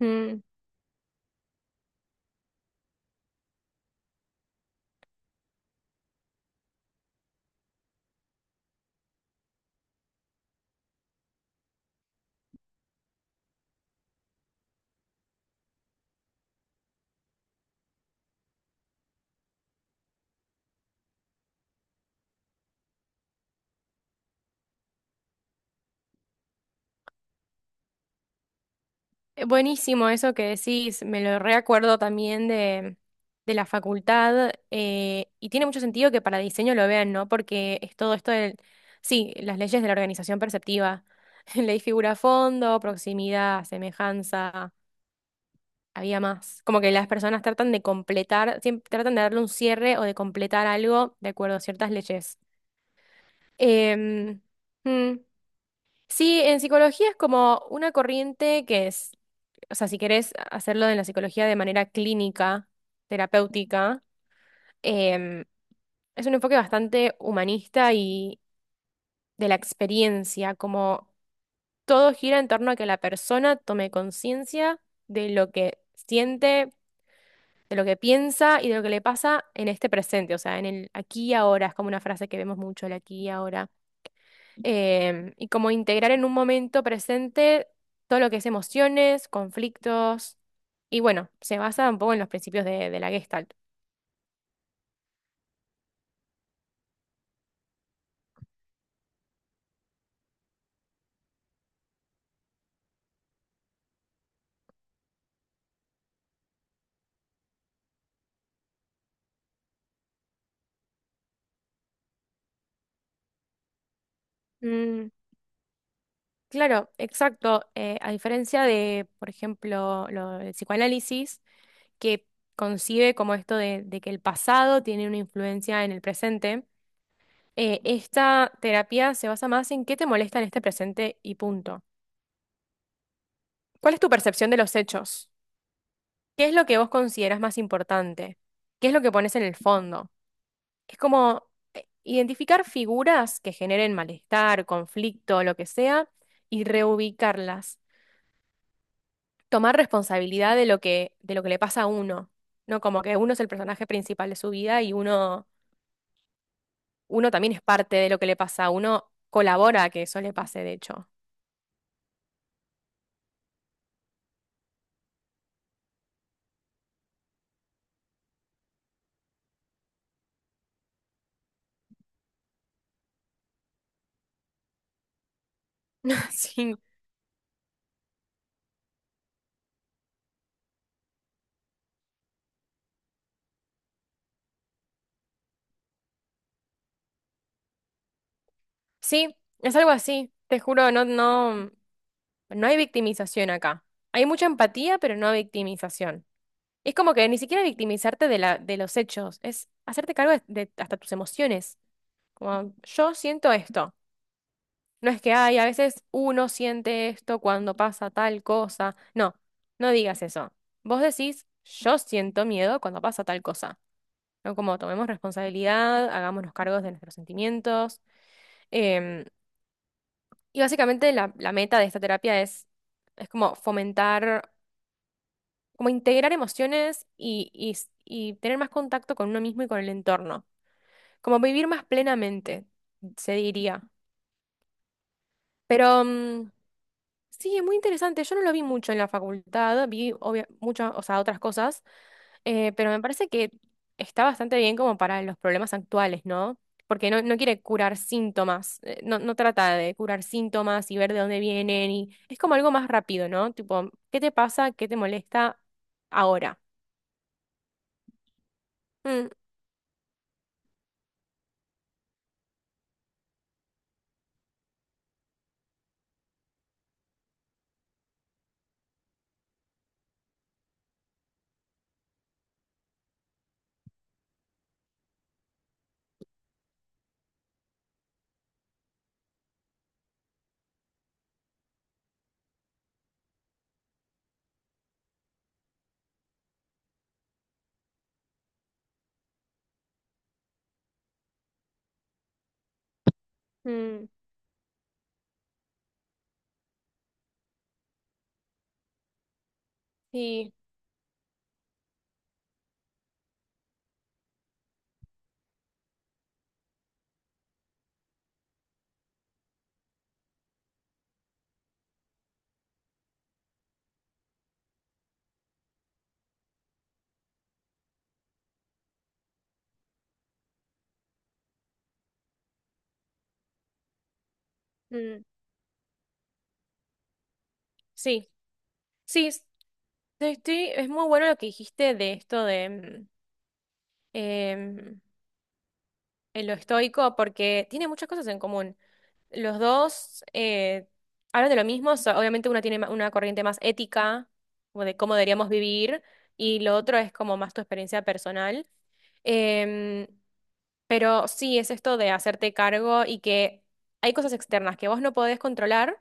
Mm, Buenísimo eso que decís, me lo reacuerdo también de la facultad y tiene mucho sentido que para diseño lo vean, ¿no? Porque es todo esto del, sí, las leyes de la organización perceptiva, ley figura fondo, proximidad, semejanza, había más, como que las personas tratan de completar, siempre tratan de darle un cierre o de completar algo de acuerdo a ciertas leyes. Em, mm, Sí, en psicología es como una corriente que es o sea, si querés hacerlo en la psicología de manera clínica, terapéutica, em, es un enfoque bastante humanista y de la experiencia, como todo gira en torno a que la persona tome conciencia de lo que siente, de lo que piensa y de lo que le pasa en este presente, o sea, en el aquí y ahora, es como una frase que vemos mucho, el aquí y ahora. Y como integrar en un momento presente todo lo que es emociones, conflictos, y bueno, se basa un poco en los principios de la Gestalt. Mm, claro, exacto. A diferencia de, por ejemplo, lo, el psicoanálisis, que concibe como esto de que el pasado tiene una influencia en el presente, esta terapia se basa más en qué te molesta en este presente y punto. ¿Cuál es tu percepción de los hechos? ¿Qué es lo que vos consideras más importante? ¿Qué es lo que pones en el fondo? Es como identificar figuras que generen malestar, conflicto, lo que sea, y reubicarlas. Tomar responsabilidad de lo que le pasa a uno, ¿no? Como que uno es el personaje principal de su vida y uno, uno también es parte de lo que le pasa, uno colabora a que eso le pase, de hecho. Sí, sí, es algo así. Te juro, no, no, no hay victimización acá. Hay mucha empatía, pero no victimización. Es como que ni siquiera victimizarte de la, de los hechos, es hacerte cargo de hasta tus emociones. Como yo siento esto. No es que hay, a veces uno siente esto cuando pasa tal cosa. No, no digas eso. Vos decís, yo siento miedo cuando pasa tal cosa. ¿No? Como tomemos responsabilidad, hagámonos cargos de nuestros sentimientos. Em, y básicamente la, la meta de esta terapia es como fomentar, como integrar emociones y y tener más contacto con uno mismo y con el entorno. Como vivir más plenamente, se diría. Pero sí, es muy interesante. Yo no lo vi mucho en la facultad, vi muchas, o sea, otras cosas, pero me parece que está bastante bien como para los problemas actuales, ¿no? Porque no, no quiere curar síntomas, no, no trata de curar síntomas y ver de dónde vienen y es como algo más rápido, ¿no? Tipo, ¿qué te pasa? ¿Qué te molesta ahora? Mm, mm, sí, mm, sí, sí, es muy bueno lo que dijiste de esto de... mm, em, en lo estoico porque tiene muchas cosas en común. Los dos hablan de lo mismo, o sea, obviamente uno tiene una corriente más ética, como de cómo deberíamos vivir, y lo otro es como más tu experiencia personal. Em, pero sí, es esto de hacerte cargo y que hay cosas externas que vos no podés controlar,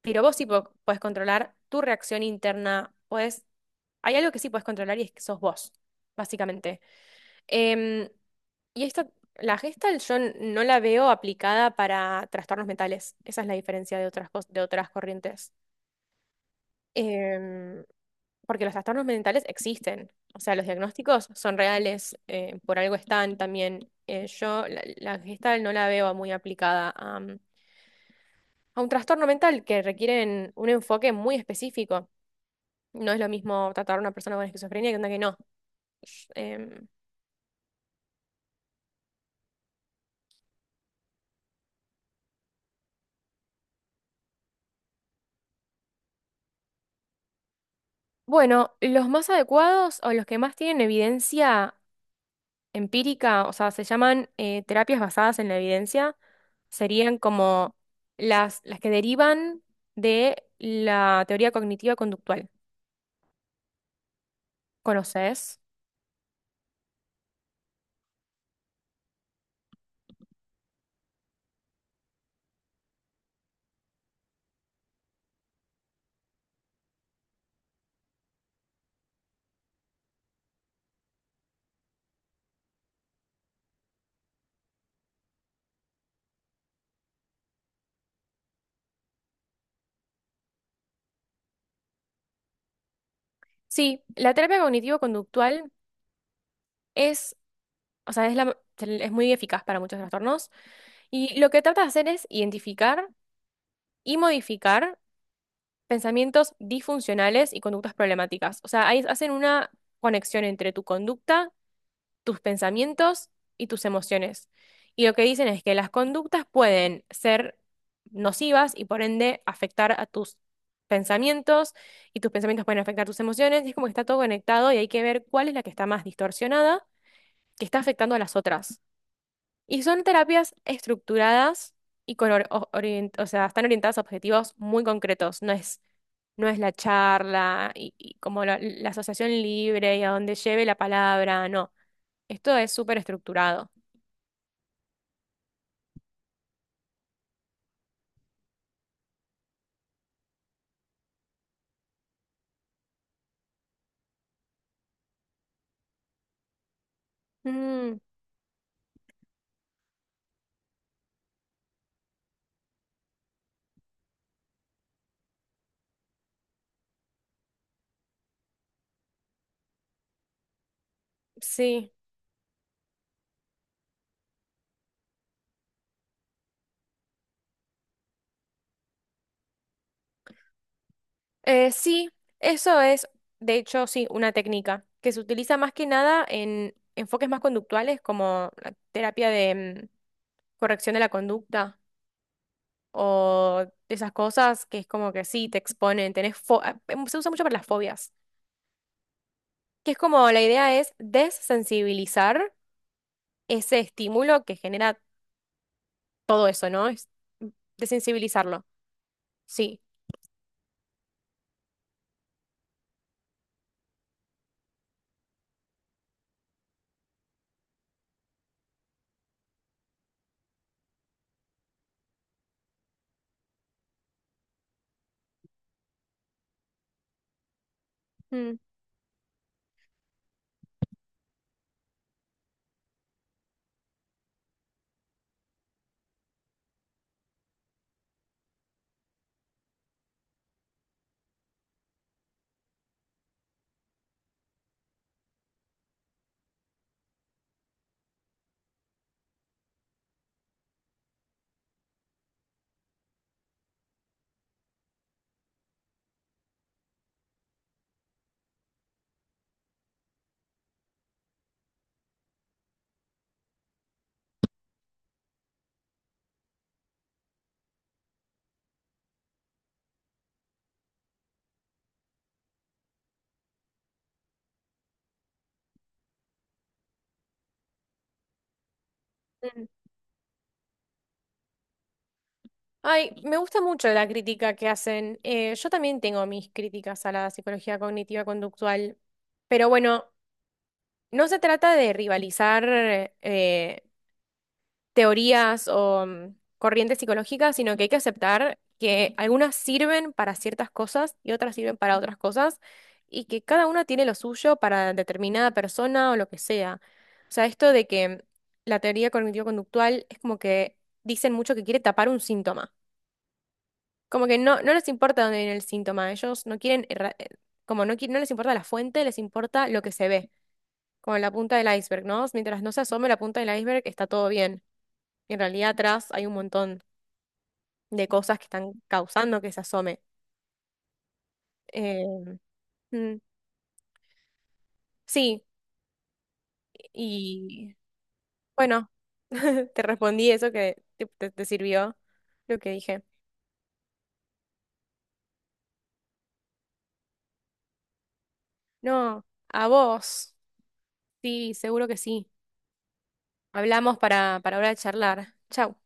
pero vos sí podés controlar tu reacción interna. Podés, hay algo que sí podés controlar y es que sos vos, básicamente. Em, y esta, la Gestalt yo no la veo aplicada para trastornos mentales. Esa es la diferencia de otras, de otras corrientes. Em, Porque los trastornos mentales existen. O sea, los diagnósticos son reales, por algo están también. Yo la, la Gestalt no la veo muy aplicada a, a un trastorno mental que requieren un enfoque muy específico. No es lo mismo tratar a una persona con esquizofrenia que una que no. Sh- em, bueno, los más adecuados o los que más tienen evidencia empírica, o sea, se llaman terapias basadas en la evidencia, serían como las que derivan de la teoría cognitiva conductual. ¿Conoces? Sí, la terapia cognitivo conductual es, o sea, es, es muy eficaz para muchos trastornos y lo que trata de hacer es identificar y modificar pensamientos disfuncionales y conductas problemáticas. O sea, ahí hacen una conexión entre tu conducta, tus pensamientos y tus emociones. Y lo que dicen es que las conductas pueden ser nocivas y por ende afectar a tus pensamientos y tus pensamientos pueden afectar tus emociones. Y es como que está todo conectado y hay que ver cuál es la que está más distorsionada, que está afectando a las otras. Y son terapias estructuradas y con o sea, están orientadas a objetivos muy concretos. No es la charla y como la asociación libre y a donde lleve la palabra, no. Esto es súper estructurado. Mm, sí. Sí, eso es, de hecho, sí, una técnica que se utiliza más que nada en enfoques más conductuales como la terapia de corrección de la conducta o de esas cosas que es como que sí, te exponen, tenés fo- ah, em, se usa mucho para las fobias, que es como la idea es desensibilizar ese estímulo que genera todo eso, ¿no? Es mm, desensibilizarlo. Sí. Mm. Ay, me gusta mucho la crítica que hacen. Yo también tengo mis críticas a la psicología cognitiva conductual, pero bueno, no se trata de rivalizar eh, teorías o corrientes psicológicas, sino que hay que aceptar que algunas sirven para ciertas cosas y otras sirven para otras cosas, y que cada una tiene lo suyo para determinada persona o lo que sea. O sea, esto de que la teoría cognitivo-conductual es como que dicen mucho que quiere tapar un síntoma. Como que no, no les importa dónde viene el síntoma, ellos no quieren, como no, no les importa la fuente, les importa lo que se ve, como la punta del iceberg, ¿no? Mientras no se asome la punta del iceberg, está todo bien. Y en realidad atrás hay un montón de cosas que están causando que se asome. Eh, mm, sí, y bueno, te respondí eso que te sirvió lo que dije. No, a vos, sí, seguro que sí. Hablamos para ahora de charlar. Chau.